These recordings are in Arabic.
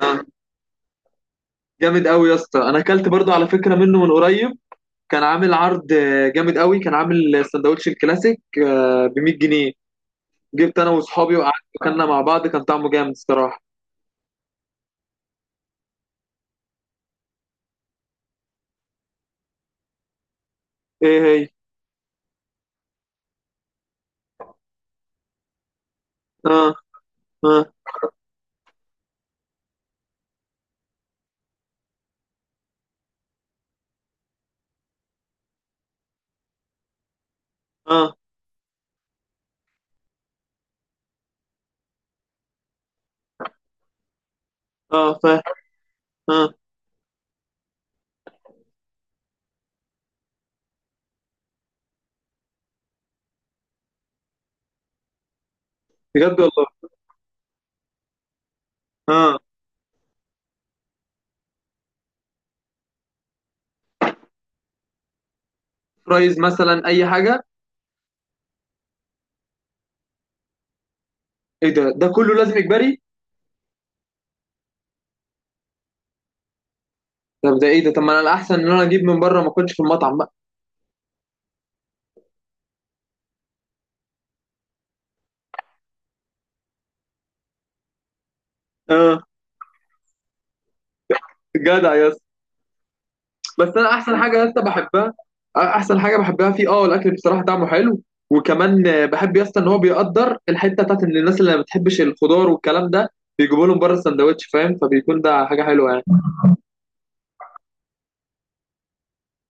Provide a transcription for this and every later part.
آه، جامد قوي يا اسطى، انا اكلت برضو على فكره منه من قريب. كان عامل عرض جامد قوي. كان عامل سندوتش الكلاسيك ب 100 جنيه. جبت انا واصحابي وقعدت اكلنا مع بعض، كان طعمه جامد الصراحه. ايه هي؟ اه. اه. اه. اه اه. بجد والله؟ اه. فرايز مثلا، اي حاجه. ايه ده كله لازم اجباري؟ طب ده ايه ده؟ طب ما انا الاحسن ان انا اجيب من بره ما اكلش في المطعم بقى. اه. جدع يا اسطى. بس انا احسن حاجه لسه بحبها، احسن حاجه بحبها فيه، الاكل بصراحه طعمه حلو. وكمان بحب يسطا ان هو بيقدر الحته بتاعت ان الناس اللي ما بتحبش الخضار والكلام ده، بيجيبوا لهم بره السندوتش فاهم، فبيكون ده حاجه حلوه يعني.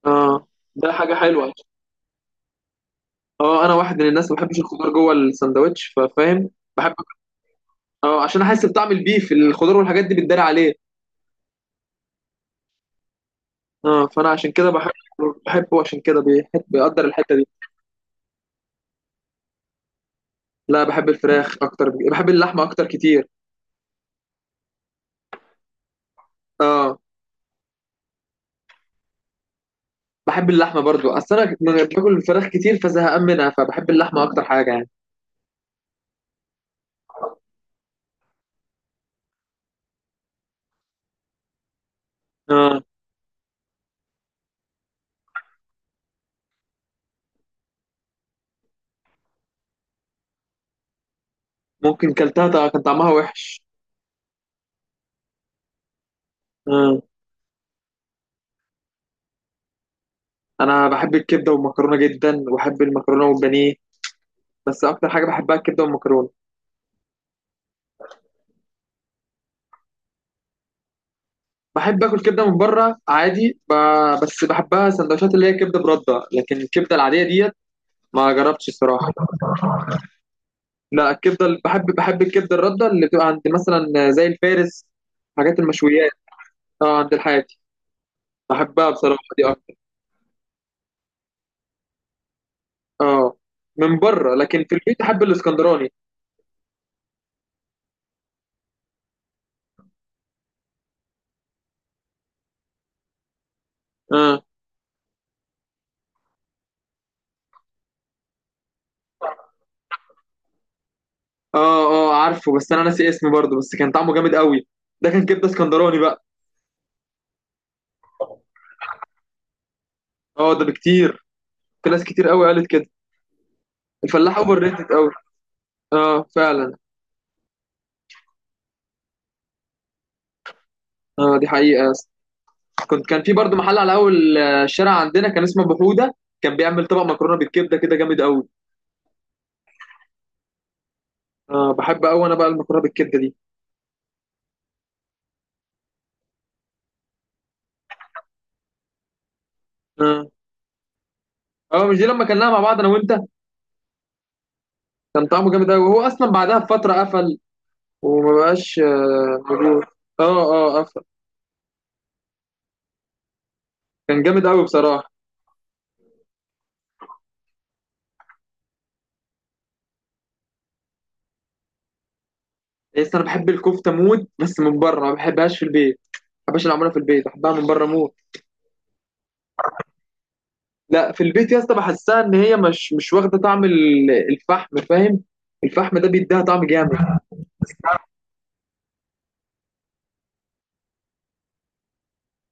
اه. ده حاجه حلوه. اه انا واحد من الناس ما بحبش الخضار جوه السندوتش ففاهم. بحب. اه عشان احس بطعم البيف، الخضار والحاجات دي بتداري عليه. اه فانا عشان كده بحب. بحبه عشان كده بيحب بيقدر الحته دي. لا بحب الفراخ اكتر، بحب اللحمه اكتر كتير. اه بحب اللحمه برضو، اصل انا باكل الفراخ كتير فزهقان منها، فبحب اللحمه اكتر حاجه يعني. اه ممكن كلتها طبعاً كان طعمها وحش. اه انا بحب الكبده والمكرونه جدا، وبحب المكرونه والبانيه. بس اكتر حاجه بحبها الكبده والمكرونه. بحب اكل كبده من بره عادي بس بحبها سندوتشات، اللي هي كبده برده، لكن الكبده العاديه ديت ما جربتش الصراحه. لا الكبده بحب الكبده الرده اللي بتبقى عند مثلا زي الفارس، حاجات المشويات. اه عند الحاتي. بحبها بصراحه، دي أكتر. اه. من بره لكن في البيت احب الاسكندراني. اه. اه. اه، عارفه بس انا ناسي اسمه برضه، بس كان طعمه جامد قوي. ده كان كبده اسكندراني بقى. اه ده بكتير، في ناس كتير قوي قالت كده. الفلاح اوفر ريتد قوي. اه فعلا. اه دي حقيقه يا اسطى. كان في برضه محل على اول الشارع عندنا، كان اسمه ابو حوده، كان بيعمل طبق مكرونه بالكبده كده جامد قوي. اه بحب قوي انا بقى المكرونه بالكبده دي. اه. اه، مش دي لما كلناها مع بعض انا وانت؟ كان طعمه جامد قوي، وهو اصلا بعدها بفتره قفل وما بقاش موجود. اه. اه افهم. كان جامد قوي بصراحه. بس انا بحب الكفته موت، بس من بره، ما بحبهاش في البيت. ما بحبهاش اللي معموله في البيت، بحبها من بره موت. لا في البيت يا اسطى بحسها ان هي مش واخده طعم الفحم فاهم. الفحم ده بيديها طعم جامد.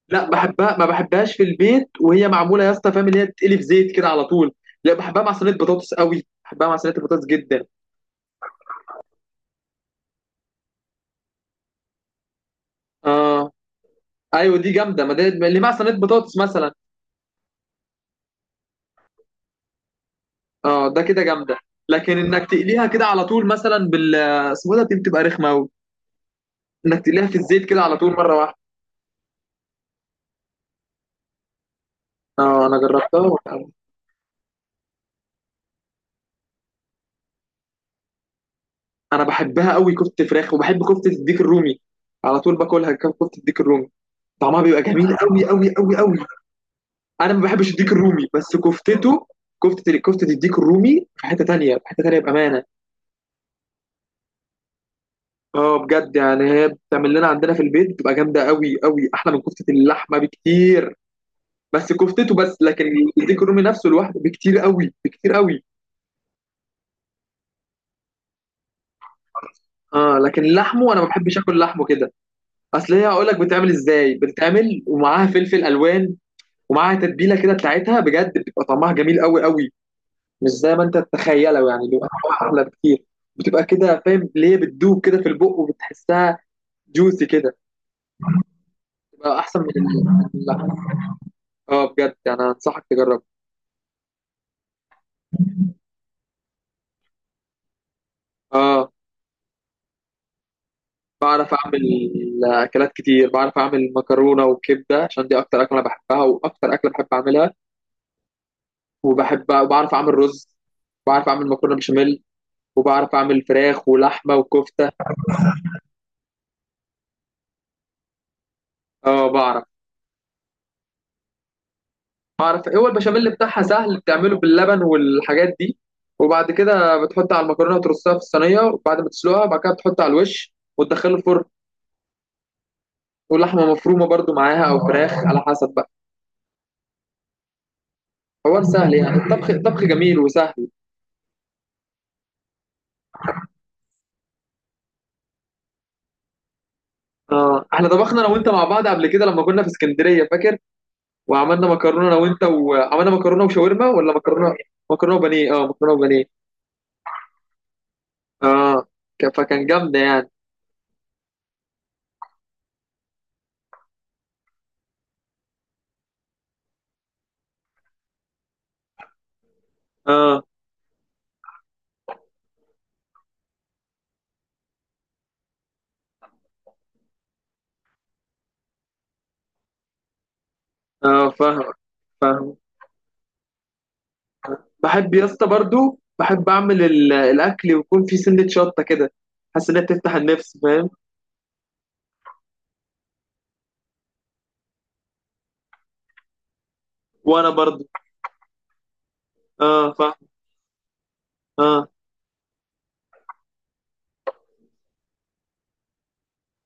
لا بحبها، ما بحبهاش في البيت وهي معموله يا اسطى فاهم، اللي هي تتقلي في زيت كده على طول. لا بحبها مع صينيه بطاطس قوي، بحبها مع صينيه البطاطس جدا. اه. ايوه دي جامده، ما اللي مع صينيه بطاطس مثلا. اه ده كده جامده. لكن انك تقليها كده على طول مثلا بال آه، اسمه ده، دي بتبقى رخمه قوي. انك تقليها في الزيت كده على طول مره واحده. اه انا جربتها انا بحبها قوي كفته فراخ، وبحب كفته الديك الرومي. على طول باكلها كفته الديك الرومي، طعمها بيبقى جميل قوي قوي قوي قوي. انا ما بحبش الديك الرومي بس كفتته. كفته الديك الرومي في حته تانيه، في حته تانيه بامانه. اه بجد يعني هي بتعمل لنا عندنا في البيت، بتبقى جامده قوي قوي، احلى من كفته اللحمه بكتير. بس كفتته، بس لكن الديك الرومي نفسه لوحده بكتير قوي، بكتير قوي. اه لكن لحمه، انا ما بحبش اكل لحمه كده. اصل هي هقول لك بتتعمل ازاي، بتتعمل ومعاها فلفل الوان ومعاها تتبيله كده بتاعتها، بجد بتبقى طعمها جميل قوي قوي. مش زي ما انت تتخيله يعني، بيبقى طعمها احلى بكتير. بتبقى كده فاهم اللي هي بتدوب كده في البق، وبتحسها جوسي كده. بتبقى احسن من اللحمه. اه بجد يعني انا انصحك تجرب. اه بعرف اعمل اكلات كتير، بعرف اعمل مكرونه وكبده عشان دي اكتر اكله انا بحبها واكتر اكله بحب اعملها وبحبها، وبعرف اعمل رز، بعرف اعمل مكرونه بشاميل، وبعرف اعمل فراخ ولحمه وكفته. اه. بعرف هو البشاميل بتاعها سهل، بتعمله باللبن والحاجات دي، وبعد كده بتحط على المكرونه وترصها في الصينيه وبعد ما تسلقها بعد كده بتحط على الوش وتدخله الفرن، ولحمه مفرومه برضو معاها او فراخ على حسب بقى. حوار سهل يعني، الطبخ جميل وسهل. اه احنا طبخنا انا وانت مع بعض قبل كده لما كنا في اسكندريه فاكر، وعملنا مكرونه انا وانت، وعملنا مكرونه وشاورما، ولا مكرونه، مكرونه وبانيه، اه مكرونه وبانيه. اه فكان جامده يعني. اه. اه فاهم. فاهم. بحب يا اسطى برضو بحب اعمل الاكل ويكون في سنه شطه كده، حاسس انها بتفتح النفس فاهم. وانا برضو. اه فاهم. اه.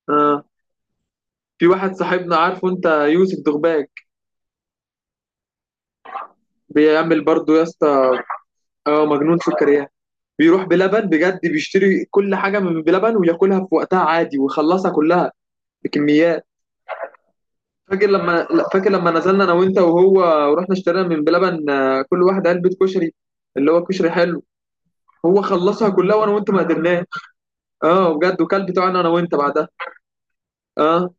اه. في واحد صاحبنا عارفه انت، يوسف دغباك، بيعمل برضو يا اسطى. اه مجنون سكريات. بيروح بلبن بجد، بيشتري كل حاجه من بلبن وياكلها في وقتها عادي ويخلصها كلها بكميات. فاكر لما لا، فاكر لما نزلنا انا وانت وهو ورحنا اشترينا من بلبن كل واحد علبه كشري، اللي هو كشري حلو. هو خلصها كلها وانا وانت ما قدرناش. اه بجد، وكل بتوعنا انا وانت بعدها. اه.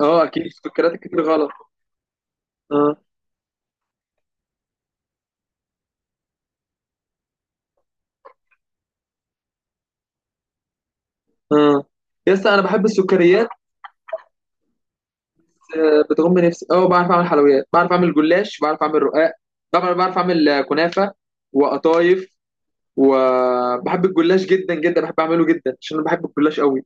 اه اكيد السكريات الكتير غلط. اه. اه يا اسطى انا بحب السكريات. آه، بتغم نفسي. اه بعرف اعمل حلويات، بعرف اعمل جلاش، بعرف اعمل رقاق، بعرف اعمل كنافه وقطايف. وبحب الجلاش جدا جدا، بحب اعمله جدا عشان انا بحب الجلاش قوي.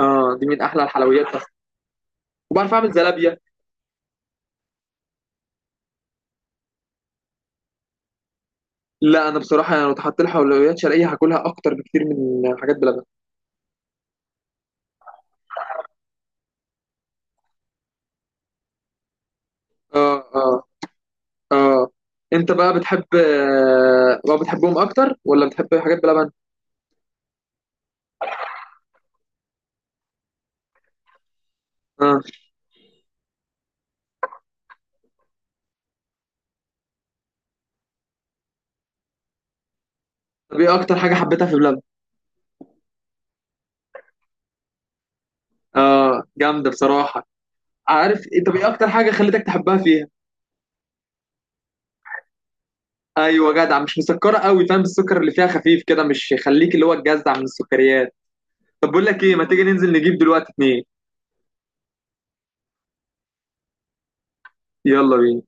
اه دي من احلى الحلويات. بس وبعرف اعمل زلابيه. لا انا بصراحه يعني لو اتحط لي حلويات شرقيه هاكلها اكتر بكتير من حاجات بلبن. اه. اه. اه. انت بقى بتحبهم اكتر ولا بتحب حاجات بلبن؟ اه. طب ايه اكتر حاجه حبيتها في بلبن؟ اه جامده بصراحه. عارف انت ايه اكتر حاجه خلتك تحبها فيها؟ ايوه جدع، مش مسكره قوي فاهم، السكر اللي فيها خفيف كده مش يخليك اللي هو تجزع من السكريات. طب بقول لك ايه، ما تيجي ننزل نجيب دلوقتي اتنين. يلا بينا.